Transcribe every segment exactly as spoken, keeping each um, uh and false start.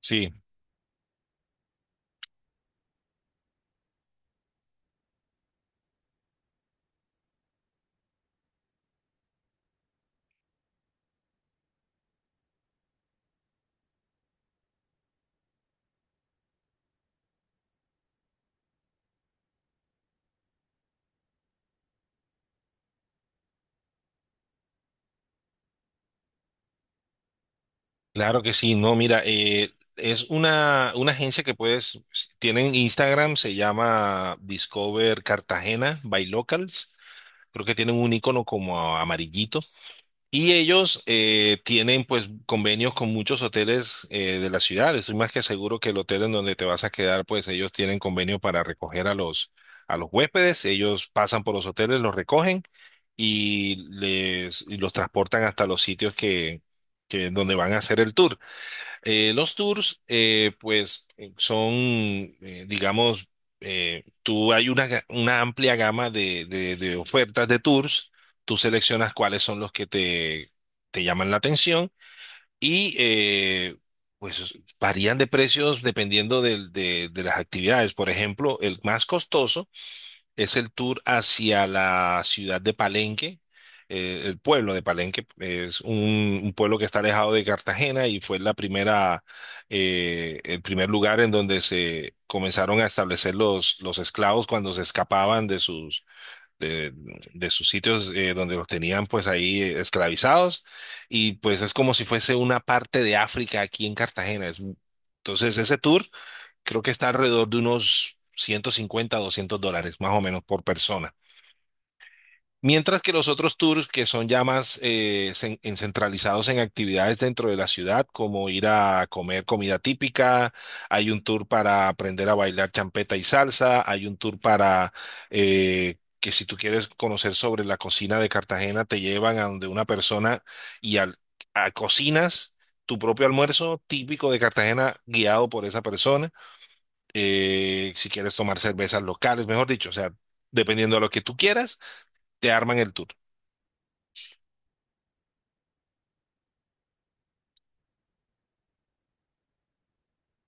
Sí, claro que sí. No, mira, eh, es una, una agencia que puedes, tienen Instagram, se llama Discover Cartagena by Locals. Creo que tienen un icono como amarillito. Y ellos eh, tienen pues convenios con muchos hoteles eh, de la ciudad. Estoy más que seguro que el hotel en donde te vas a quedar, pues ellos tienen convenio para recoger a los, a los huéspedes. Ellos pasan por los hoteles, los recogen y les y los transportan hasta los sitios que, que donde van a hacer el tour. Eh, los tours, eh, pues, eh, son, eh, digamos, eh, tú hay una, ga- una amplia gama de, de- de ofertas de tours. Tú seleccionas cuáles son los que te, te llaman la atención y, eh, pues, varían de precios dependiendo del- de, de las actividades. Por ejemplo, el más costoso es el tour hacia la ciudad de Palenque, eh, el pueblo de Palenque. Es un, un pueblo que está alejado de Cartagena y fue la primera, eh, el primer lugar en donde se comenzaron a establecer los, los esclavos cuando se escapaban de sus, de, de sus sitios eh, donde los tenían pues ahí eh, esclavizados. Y pues es como si fuese una parte de África aquí en Cartagena. Es- entonces ese tour, creo que está alrededor de unos ciento cincuenta a doscientos dólares más o menos por persona. Mientras que los otros tours que son ya más eh, cen- en- centralizados en actividades dentro de la ciudad, como ir a comer comida típica, hay un tour para aprender a bailar champeta y salsa, hay un tour para eh, que si tú quieres conocer sobre la cocina de Cartagena, te llevan a donde una persona y al, a cocinas tu propio almuerzo típico de Cartagena guiado por esa persona. Eh, si quieres tomar cervezas locales, mejor dicho, o sea, dependiendo de lo que tú quieras, te arman el tour.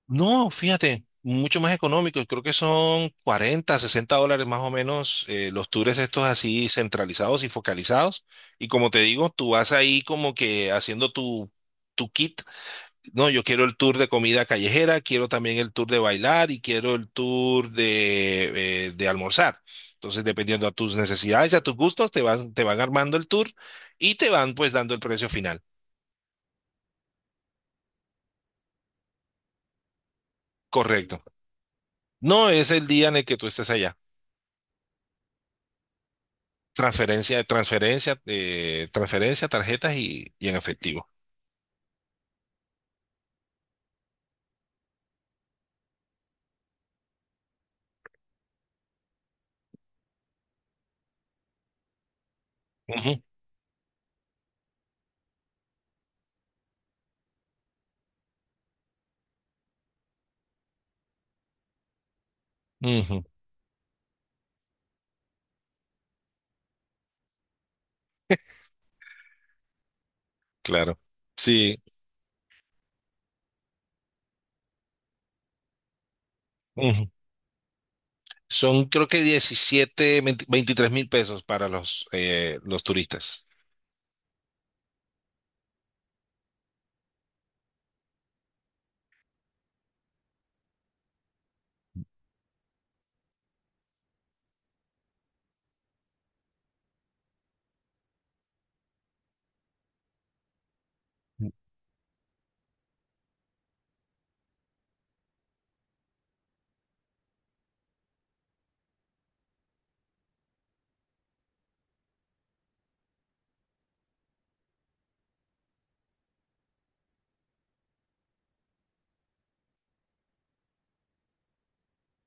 No, fíjate, mucho más económico, creo que son cuarenta sesenta dólares más o menos, eh, los tours estos así centralizados y focalizados. Y como te digo, tú vas ahí como que haciendo tu, tu kit. No, yo quiero el tour de comida callejera, quiero también el tour de bailar y quiero el tour de, eh, de almorzar. Entonces, dependiendo a tus necesidades, a tus gustos, te van, te van armando el tour y te van pues dando el precio final. Correcto. No es el día en el que tú estés allá. Transferencia, transferencia, eh, transferencia, tarjetas y, y en efectivo. Ujú, ujú, claro. Sí. Ujú. Son creo que diecisiete veinte veintitrés mil pesos para los, eh, los turistas.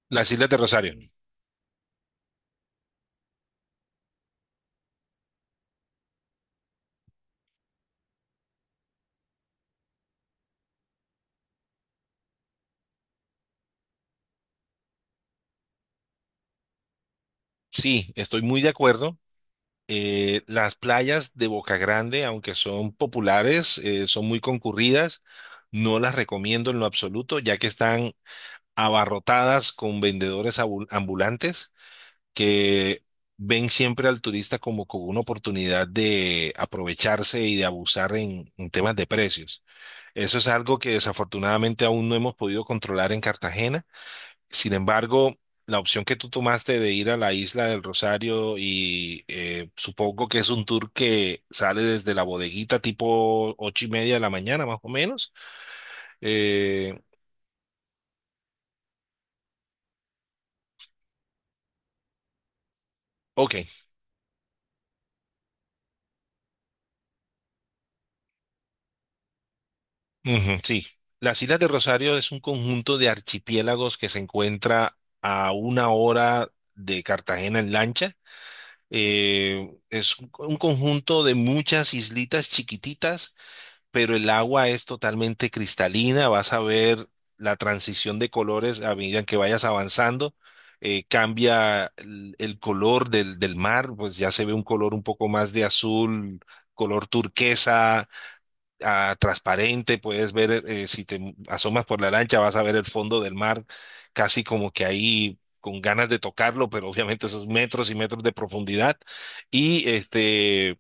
Las Islas de Rosario. Sí, estoy muy de acuerdo. Eh, las playas de Boca Grande, aunque son populares, eh, son muy concurridas. No las recomiendo en lo absoluto, ya que están abarrotadas con vendedores abu- ambulantes que ven siempre al turista como con una oportunidad de aprovecharse y de abusar en en temas de precios. Eso es algo que desafortunadamente aún no hemos podido controlar en Cartagena. Sin embargo, la opción que tú tomaste de ir a la isla del Rosario y eh, supongo que es un tour que sale desde la bodeguita tipo ocho y media de la mañana, más o menos. Eh, ok, ujú, sí. Las Islas del Rosario es un conjunto de archipiélagos que se encuentra a una hora de Cartagena en lancha. Eh, es un un conjunto de muchas islitas chiquititas, pero el agua es totalmente cristalina. Vas a ver la transición de colores a medida que vayas avanzando, eh, cambia el, el color del, del mar, pues ya se ve un color un poco más de azul, color turquesa, ah, transparente. Puedes ver, eh, si te asomas por la lancha vas a ver el fondo del mar casi como que ahí, con ganas de tocarlo, pero obviamente esos metros y metros de profundidad. Y este,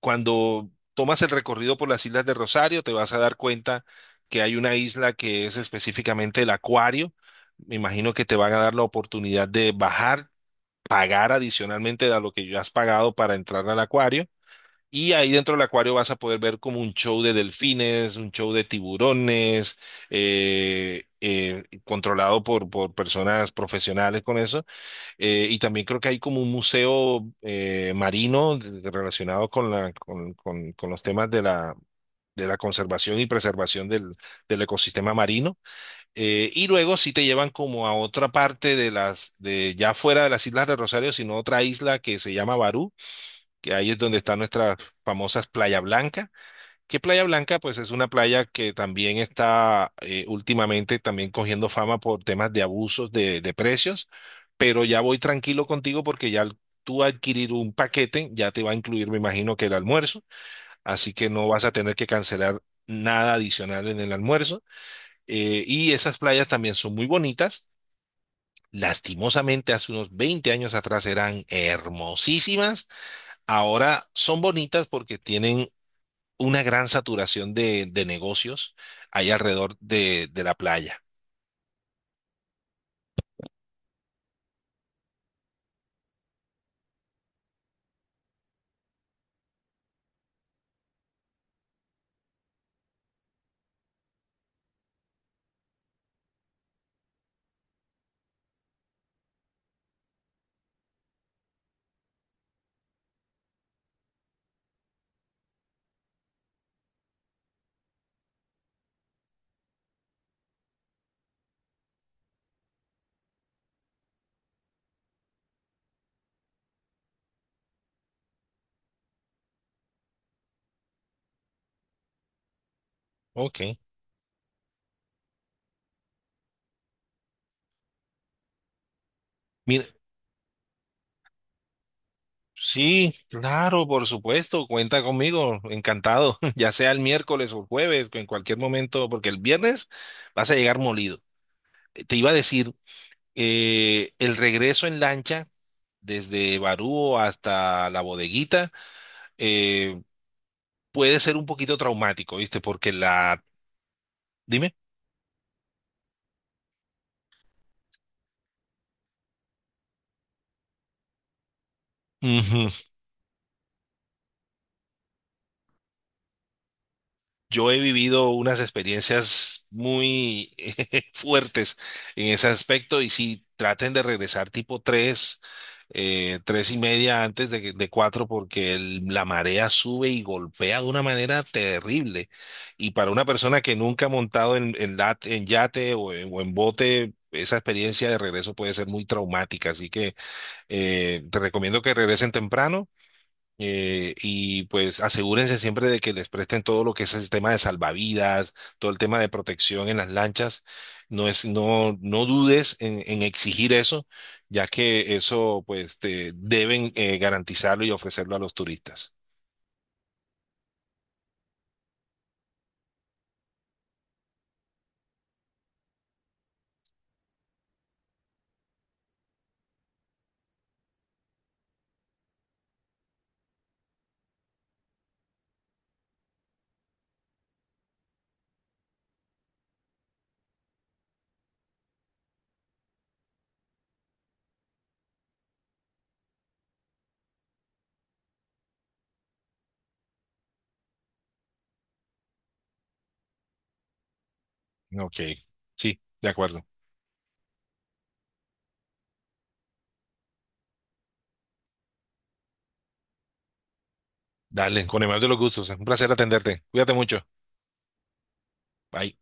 cuando tomas el recorrido por las islas de Rosario, te vas a dar cuenta que hay una isla que es específicamente el Acuario. Me imagino que te van a dar la oportunidad de bajar, pagar adicionalmente a lo que ya has pagado para entrar al acuario. Y ahí dentro del acuario vas a poder ver como un show de delfines, un show de tiburones, eh, eh, controlado por, por personas profesionales con eso. Eh, y también creo que hay como un museo eh, marino, de- de- relacionado con la, con, con- con los temas de la, de la conservación y preservación del, del ecosistema marino. Eh, y luego sí te llevan como a otra parte de las, de ya fuera de las Islas de Rosario, sino otra isla que se llama Barú, que ahí es donde están nuestras famosas Playa Blanca. Que Playa Blanca, pues es una playa que también está eh, últimamente también cogiendo fama por temas de abusos de, de precios, pero ya voy tranquilo contigo porque ya al tú adquirir un paquete ya te va a incluir, me imagino que el almuerzo, así que no vas a tener que cancelar nada adicional en el almuerzo. Eh, y esas playas también son muy bonitas. Lastimosamente, hace unos veinte años atrás eran hermosísimas. Ahora son bonitas porque tienen una gran saturación de, de negocios ahí alrededor de, de la playa. Ok. Mira, sí, claro, por supuesto, cuenta conmigo, encantado, ya sea el miércoles o el jueves, en cualquier momento, porque el viernes vas a llegar molido. Eh, Te iba a decir, eh, el regreso en lancha desde Barú hasta la bodeguita eh, puede ser un poquito traumático, ¿viste? Porque la... Dime. Yo he vivido unas experiencias muy fuertes en ese aspecto y si traten de regresar tipo tres, eh, tres y media antes de, que- de cuatro, porque el- la marea sube y golpea de una manera terrible. Y para una persona que nunca ha montado en, en lat- en yate o en, o en bote, esa experiencia de regreso puede ser muy traumática. Así que eh, te recomiendo que regresen temprano, eh, y pues asegúrense siempre de que les presten todo lo que es el tema de salvavidas, todo el tema de protección en las lanchas. No es, no, no dudes en, en exigir eso, ya que eso pues te deben eh, garantizarlo y ofrecerlo a los turistas. Ok, sí, de acuerdo. Dale, con el mayor de los gustos. Un placer atenderte. Cuídate mucho. Bye.